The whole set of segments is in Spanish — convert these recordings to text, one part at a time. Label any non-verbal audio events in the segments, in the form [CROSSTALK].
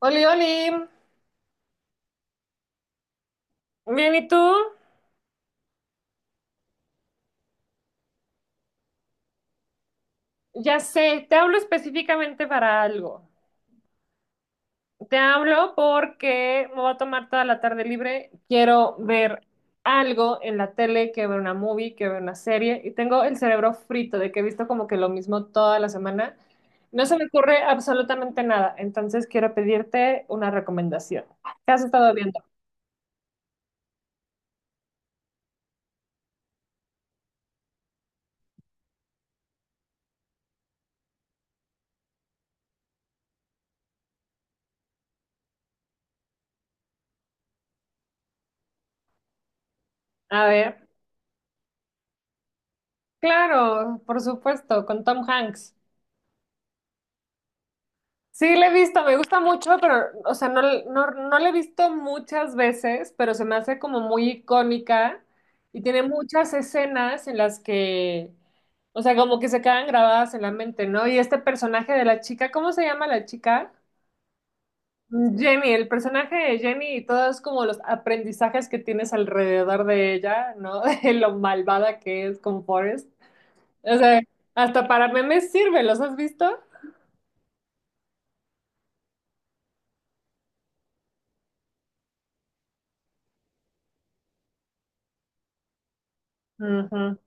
Oli, Oli. Bien, ¿y tú? Ya sé, te hablo específicamente para algo. Te hablo porque me voy a tomar toda la tarde libre. Quiero ver algo en la tele, quiero ver una movie, quiero ver una serie y tengo el cerebro frito de que he visto como que lo mismo toda la semana. No se me ocurre absolutamente nada, entonces quiero pedirte una recomendación. ¿Qué has estado viendo? A ver, claro, por supuesto, con Tom Hanks. Sí, le he visto, me gusta mucho, pero, o sea, no, no, no le he visto muchas veces, pero se me hace como muy icónica y tiene muchas escenas en las que, o sea, como que se quedan grabadas en la mente, ¿no? Y este personaje de la chica, ¿cómo se llama la chica? Jenny, el personaje de Jenny y todos como los aprendizajes que tienes alrededor de ella, ¿no? [LAUGHS] De lo malvada que es con Forrest. O sea, hasta para memes sirve, ¿los has visto? Ujú.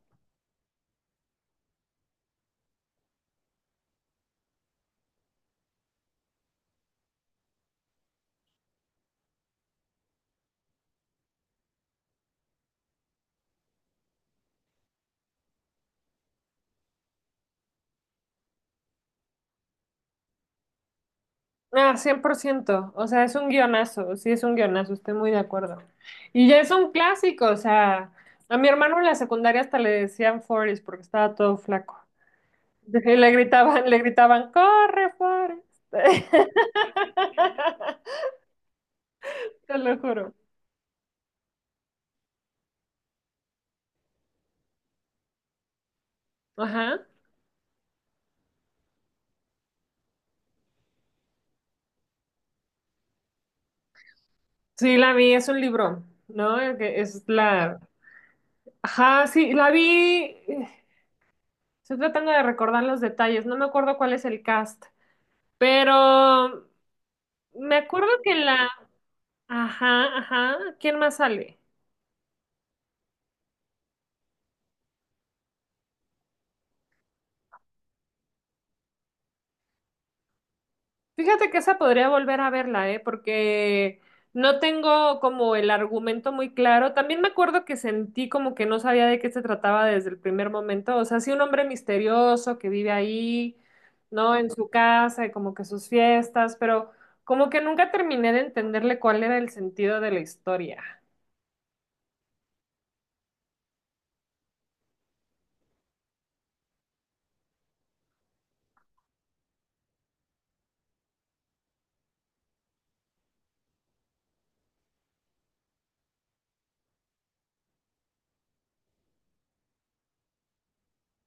Ah, 100%, o sea, es un guionazo, sí es un guionazo, estoy muy de acuerdo. Y ya es un clásico, o sea, a mi hermano en la secundaria hasta le decían Forrest porque estaba todo flaco. Y le gritaban, ¡corre, Forrest! [LAUGHS] Te lo juro. Ajá. Sí, la vi, es un libro, ¿no? El que Es la... Ajá, sí, la vi. Estoy tratando de recordar los detalles, no me acuerdo cuál es el cast, pero me acuerdo que la... Ajá, ajá. ¿Quién más sale? Fíjate que esa podría volver a verla, ¿eh? Porque no tengo como el argumento muy claro. También me acuerdo que sentí como que no sabía de qué se trataba desde el primer momento. O sea, sí un hombre misterioso que vive ahí, ¿no? En su casa y como que sus fiestas, pero como que nunca terminé de entenderle cuál era el sentido de la historia.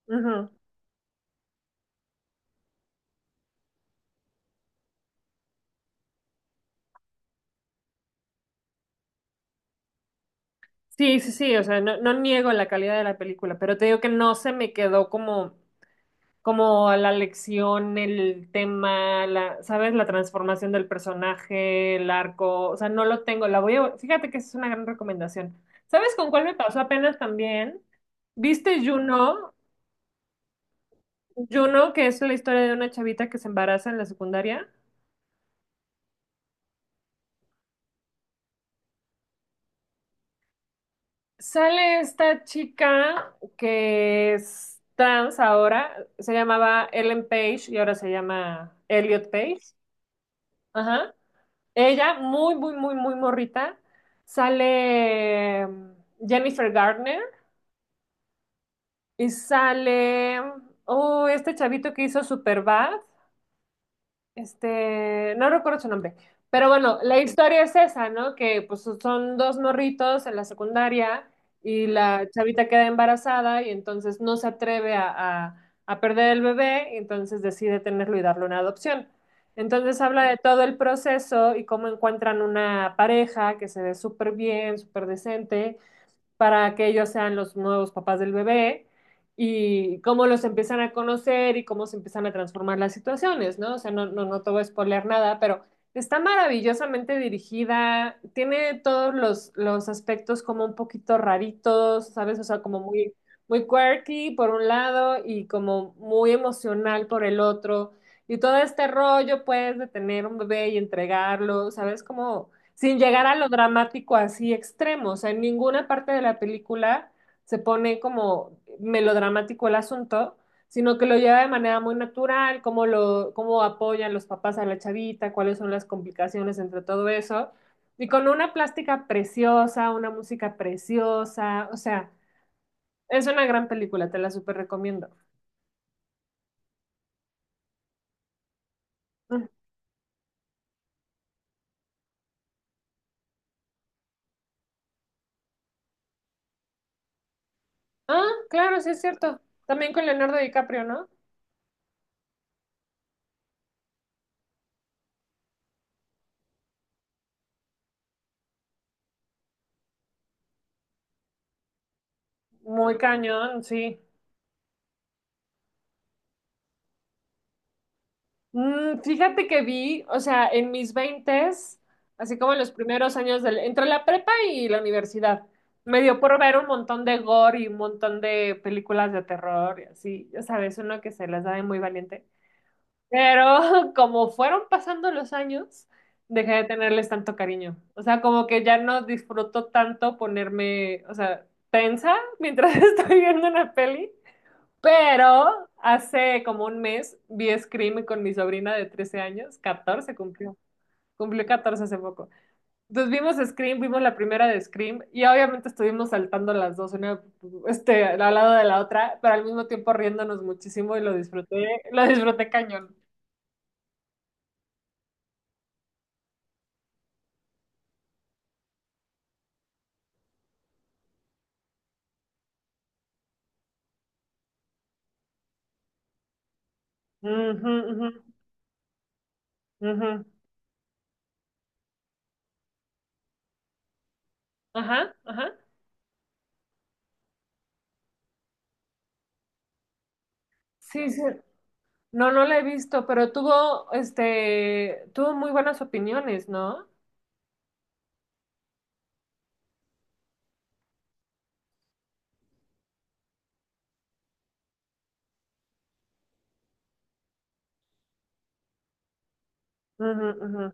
Ujú. Sí, sí, sí, o sea, no, no niego la calidad de la película, pero te digo que no se me quedó como... como la lección, el tema, la, ¿sabes? La transformación del personaje, el arco, o sea, no lo tengo, la voy a, fíjate que esa es una gran recomendación. ¿Sabes con cuál me pasó apenas también? ¿Viste Juno? Juno, que es la historia de una chavita que se embaraza en la secundaria. Sale esta chica que es trans ahora, se llamaba Ellen Page y ahora se llama Elliot Page. Ajá. Ella, muy, muy, muy, muy morrita. Sale Jennifer Garner y sale, oh, este chavito que hizo Superbad. Este, no recuerdo su nombre, pero bueno, la historia es esa, ¿no? Que pues son dos morritos en la secundaria y la chavita queda embarazada y entonces no se atreve a perder el bebé y entonces decide tenerlo y darle una adopción. Entonces habla de todo el proceso y cómo encuentran una pareja que se ve súper bien, súper decente para que ellos sean los nuevos papás del bebé y cómo los empiezan a conocer y cómo se empiezan a transformar las situaciones, ¿no? O sea, no, no, no te voy a spoiler nada, pero está maravillosamente dirigida, tiene todos los aspectos como un poquito raritos, ¿sabes? O sea, como muy, muy quirky por un lado y como muy emocional por el otro. Y todo este rollo, pues, de tener un bebé y entregarlo, ¿sabes? Como sin llegar a lo dramático así extremo. O sea, en ninguna parte de la película se pone como melodramático el asunto, sino que lo lleva de manera muy natural, cómo lo, cómo apoyan los papás a la chavita, cuáles son las complicaciones entre todo eso. Y con una plástica preciosa, una música preciosa, o sea, es una gran película, te la súper recomiendo. Ah, claro, sí es cierto. También con Leonardo DiCaprio, ¿no? Muy cañón, sí. Mm, fíjate que vi, o sea, en mis veintes, así como en los primeros años del, entre la prepa y la universidad, me dio por ver un montón de gore y un montón de películas de terror y así, ya sabes, uno que se las da de muy valiente. Pero [LAUGHS] como fueron pasando los años, dejé de tenerles tanto cariño. O sea, como que ya no disfruto tanto ponerme, o sea, tensa mientras [LAUGHS] estoy viendo una peli. Pero hace como un mes vi Scream con mi sobrina de 13 años, 14 cumplió, cumplió 14 hace poco. Entonces vimos Scream, vimos la primera de Scream y obviamente estuvimos saltando las dos, una al lado de la otra, pero al mismo tiempo riéndonos muchísimo y lo disfruté cañón. Ujú, ujú, ujú. Ajá, ajá. Sí, sí. No, no la he visto, pero tuvo, tuvo muy buenas opiniones, ¿no? Ujú, ujú.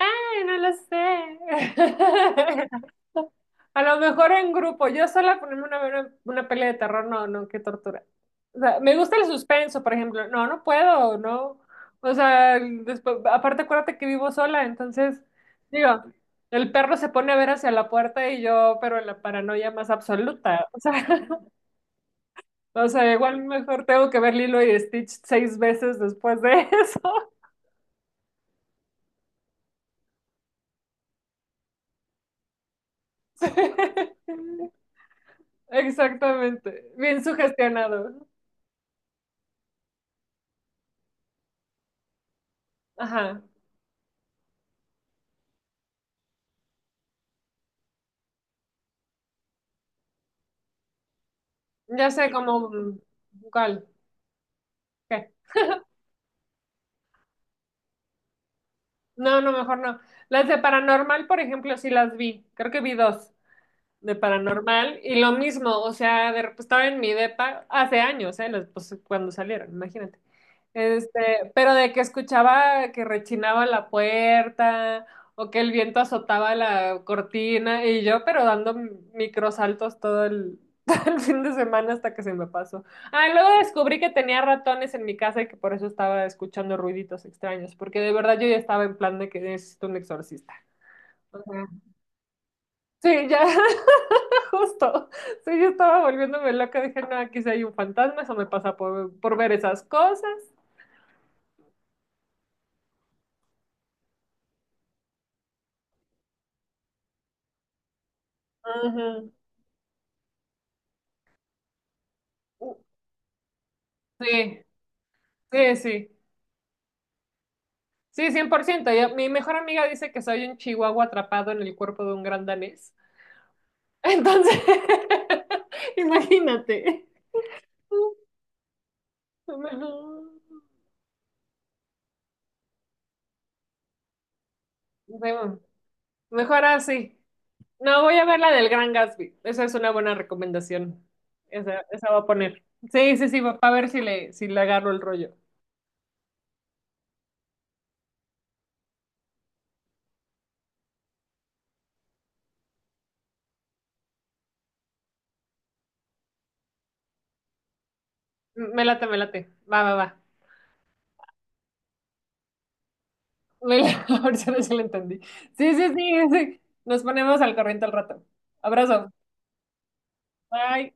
Ay, no lo sé. [LAUGHS] A lo mejor en grupo. Yo sola ponerme una peli de terror, no, no, qué tortura. O sea, me gusta el suspenso, por ejemplo. No, no puedo, no. O sea, después, aparte acuérdate que vivo sola, entonces, digo, el perro se pone a ver hacia la puerta y yo, pero en la paranoia más absoluta. O sea, [LAUGHS] o sea, igual mejor tengo que ver Lilo y Stitch 6 veces después de eso. [LAUGHS] Exactamente. Bien sugestionado. Ajá. Ya sé cómo. ¿Cuál? ¿Qué? No, no, mejor no. Las de Paranormal, por ejemplo, sí las vi. Creo que vi dos. De paranormal y lo mismo, o sea, de, estaba en mi depa hace años, ¿eh? Pues, cuando salieron, imagínate. Este, pero de que escuchaba que rechinaba la puerta o que el viento azotaba la cortina y yo, pero dando microsaltos todo el, [LAUGHS] todo el fin de semana hasta que se me pasó. Ah, luego descubrí que tenía ratones en mi casa y que por eso estaba escuchando ruiditos extraños, porque de verdad yo ya estaba en plan de que necesito un exorcista. Sí, ya, [LAUGHS] justo. Sí, yo estaba volviéndome loca. Dije, no, aquí sí hay un fantasma, eso me pasa por ver esas cosas. Ujú. Sí, sí, sí. Sí, 100%. Mi mejor amiga dice que soy un chihuahua atrapado en el cuerpo de un gran danés. Entonces, [LAUGHS] imagínate. Mejor, Mejor así. No, voy a ver la del Gran Gatsby. Esa es una buena recomendación. Esa va a poner. Sí, sí, sí, va a ver si le, agarro el rollo. Me late, me late. Va, va, va. [LAUGHS] Ahora sí sí lo entendí. Sí, sí, sí, sí. Nos ponemos al corriente al rato. Abrazo. Bye.